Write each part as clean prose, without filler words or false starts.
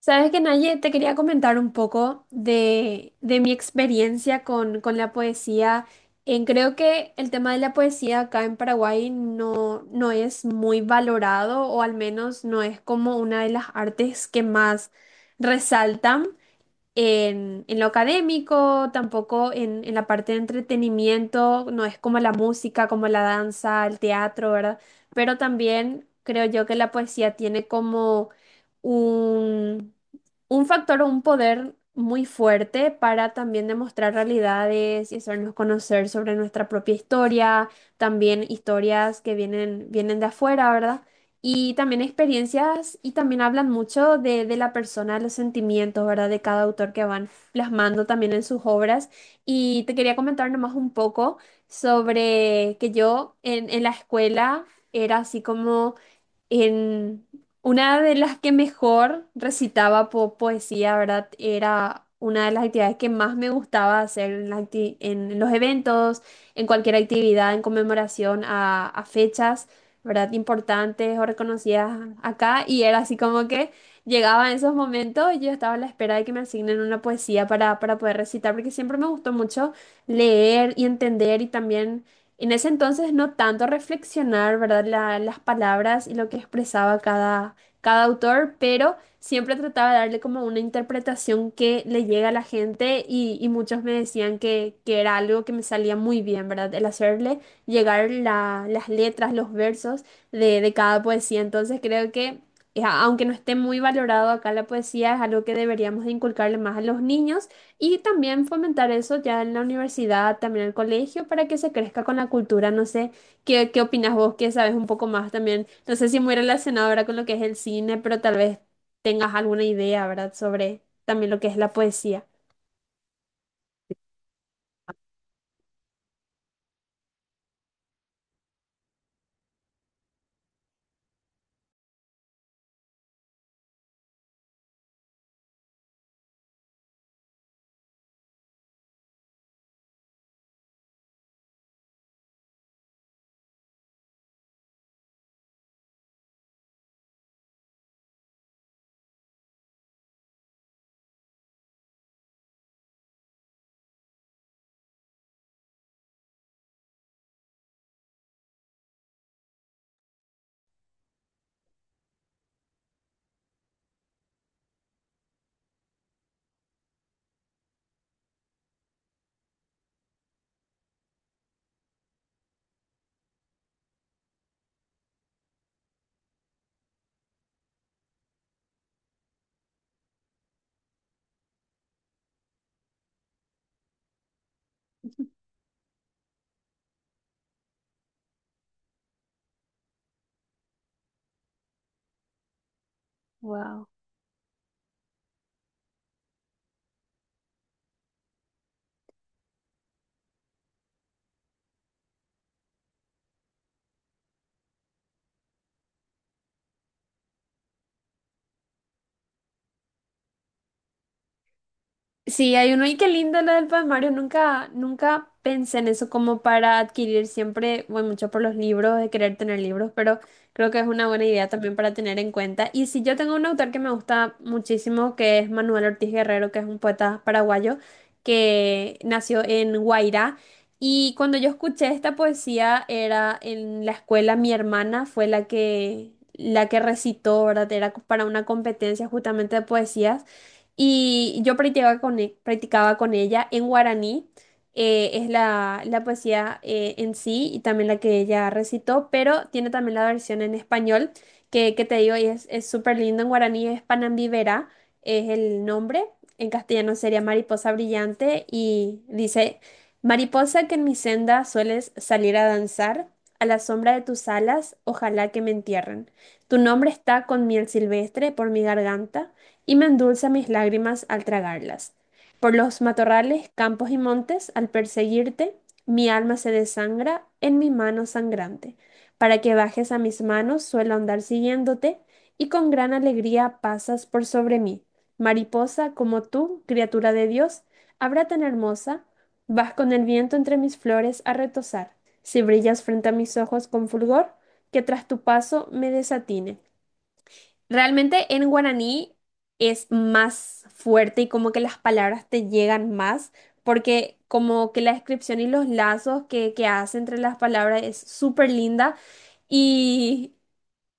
Sabes que Naye, te quería comentar un poco de mi experiencia con la poesía. Creo que el tema de la poesía acá en Paraguay no es muy valorado o al menos no es como una de las artes que más resaltan en lo académico, tampoco en la parte de entretenimiento, no es como la música, como la danza, el teatro, ¿verdad? Pero también creo yo que la poesía tiene como un, un factor o un poder muy fuerte para también demostrar realidades y hacernos conocer sobre nuestra propia historia, también historias que vienen, vienen de afuera, ¿verdad? Y también experiencias y también hablan mucho de la persona, los sentimientos, ¿verdad? De cada autor que van plasmando también en sus obras. Y te quería comentar nomás un poco sobre que yo en la escuela era así como en una de las que mejor recitaba poesía, ¿verdad? Era una de las actividades que más me gustaba hacer en, en los eventos, en cualquier actividad, en conmemoración a fechas, ¿verdad? Importantes o reconocidas acá. Y era así como que llegaba en esos momentos y yo estaba a la espera de que me asignen una poesía para poder recitar, porque siempre me gustó mucho leer y entender y también en ese entonces no tanto reflexionar, ¿verdad? Las palabras y lo que expresaba cada, cada autor, pero siempre trataba de darle como una interpretación que le llega a la gente y muchos me decían que era algo que me salía muy bien, ¿verdad? El hacerle llegar las letras, los versos de cada poesía. Entonces creo que, aunque no esté muy valorado acá la poesía, es algo que deberíamos de inculcarle más a los niños y también fomentar eso ya en la universidad, también en el colegio, para que se crezca con la cultura. No sé, ¿qué opinas vos que sabes un poco más también? No sé si muy relacionado ahora con lo que es el cine, pero tal vez tengas alguna idea, ¿verdad? Sobre también lo que es la poesía. Wow. Sí, hay uno y qué lindo lo del poemario. Nunca, nunca pensé en eso como para adquirir siempre, voy mucho por los libros, de querer tener libros, pero creo que es una buena idea también para tener en cuenta. Y si yo tengo un autor que me gusta muchísimo, que es Manuel Ortiz Guerrero, que es un poeta paraguayo que nació en Guairá. Y cuando yo escuché esta poesía era en la escuela, mi hermana fue la que recitó, ¿verdad? Era para una competencia justamente de poesías. Y yo practicaba con, practicaba con ella en guaraní, es la, la poesía en sí y también la que ella recitó, pero tiene también la versión en español, que te digo, y es súper lindo en guaraní, es Panambivera, es el nombre, en castellano sería Mariposa Brillante y dice, Mariposa que en mi senda sueles salir a danzar, a la sombra de tus alas, ojalá que me entierren. Tu nombre está con miel silvestre por mi garganta y me endulza mis lágrimas al tragarlas. Por los matorrales, campos y montes, al perseguirte, mi alma se desangra en mi mano sangrante. Para que bajes a mis manos, suelo andar siguiéndote, y con gran alegría pasas por sobre mí. Mariposa como tú, criatura de Dios, habrá tan hermosa, vas con el viento entre mis flores a retozar. Si brillas frente a mis ojos con fulgor, que tras tu paso me desatine. Realmente en guaraní es más fuerte y como que las palabras te llegan más, porque como que la descripción y los lazos que hace entre las palabras es súper linda y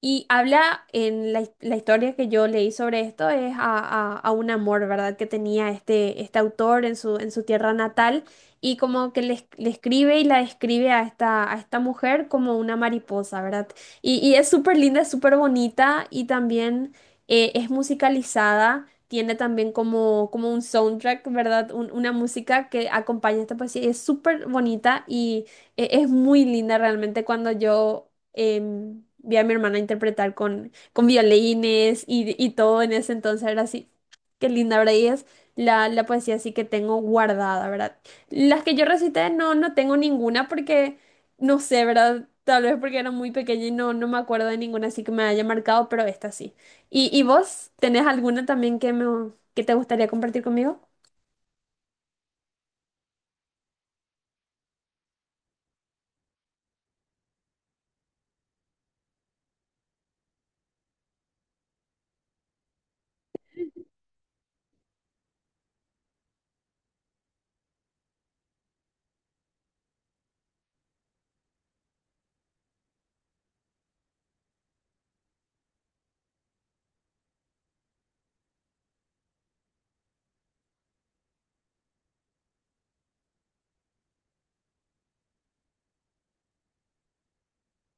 y habla en la, la historia que yo leí sobre esto es a, a un amor, ¿verdad? Que tenía este, este autor en su tierra natal y como que le, le escribe y la describe a esta mujer como una mariposa, ¿verdad? Y es súper linda, es súper bonita y también es musicalizada, tiene también como, como un soundtrack, ¿verdad? Una música que acompaña esta poesía y es súper bonita y... Es muy linda realmente cuando yo vi a mi hermana interpretar con violines y todo en ese entonces era así. Qué linda, ¿verdad? Y es la, la poesía así que tengo guardada, ¿verdad? Las que yo recité no tengo ninguna porque, no sé, ¿verdad? Tal vez porque era muy pequeña y no me acuerdo de ninguna así que me haya marcado, pero esta sí. Y vos tenés alguna también que, me, que te gustaría compartir conmigo?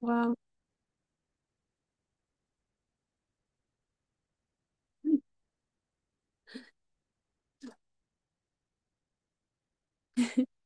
Wow.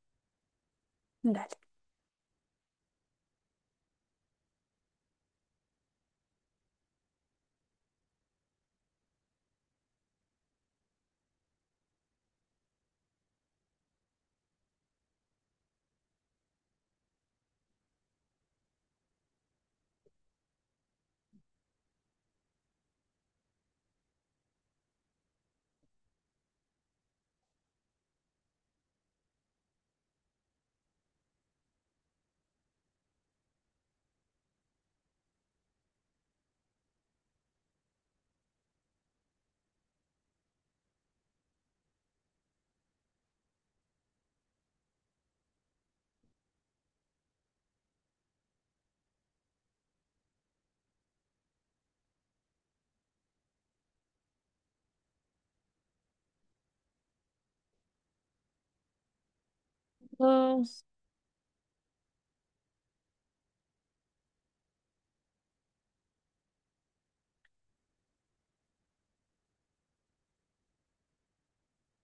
Dale.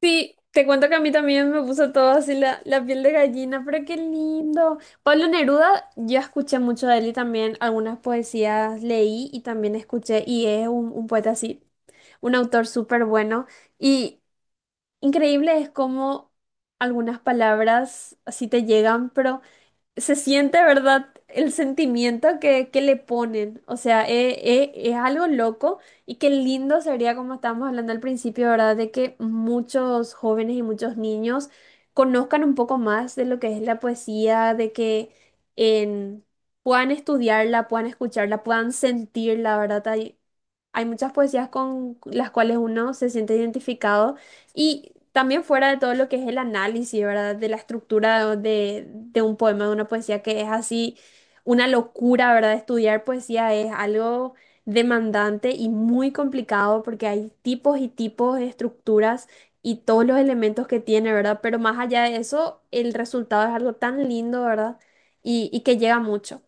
Sí, te cuento que a mí también me puso todo así la, la piel de gallina, pero qué lindo. Pablo Neruda, yo escuché mucho de él y también algunas poesías leí y también escuché, y es un poeta así, un autor súper bueno. Y increíble es cómo algunas palabras así te llegan, pero se siente, ¿verdad? El sentimiento que le ponen. O sea, es algo loco y qué lindo sería, como estábamos hablando al principio, ¿verdad? De que muchos jóvenes y muchos niños conozcan un poco más de lo que es la poesía, de que en- puedan estudiarla, puedan escucharla, puedan sentirla, ¿verdad? Hay muchas poesías con las cuales uno se siente identificado y también fuera de todo lo que es el análisis, ¿verdad? De la estructura de un poema, de una poesía que es así una locura, ¿verdad? Estudiar poesía es algo demandante y muy complicado porque hay tipos y tipos de estructuras y todos los elementos que tiene, ¿verdad? Pero más allá de eso, el resultado es algo tan lindo, ¿verdad? Y que llega mucho.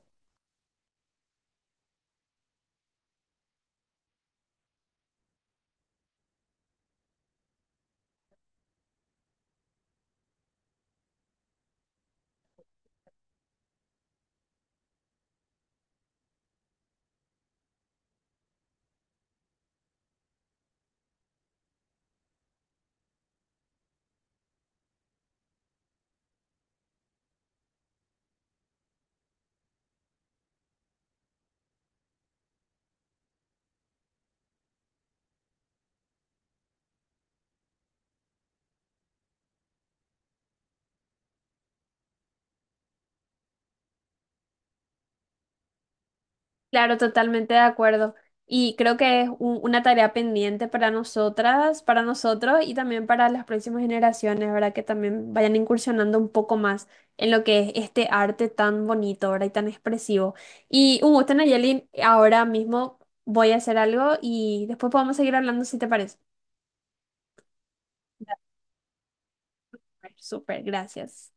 Claro, totalmente de acuerdo. Y creo que es una tarea pendiente para nosotras, para nosotros y también para las próximas generaciones, ¿verdad? Que también vayan incursionando un poco más en lo que es este arte tan bonito, ¿verdad? Y tan expresivo. Y un gusto, Nayeli. Ahora mismo voy a hacer algo y después podemos seguir hablando si te parece. Dale, Súper, gracias.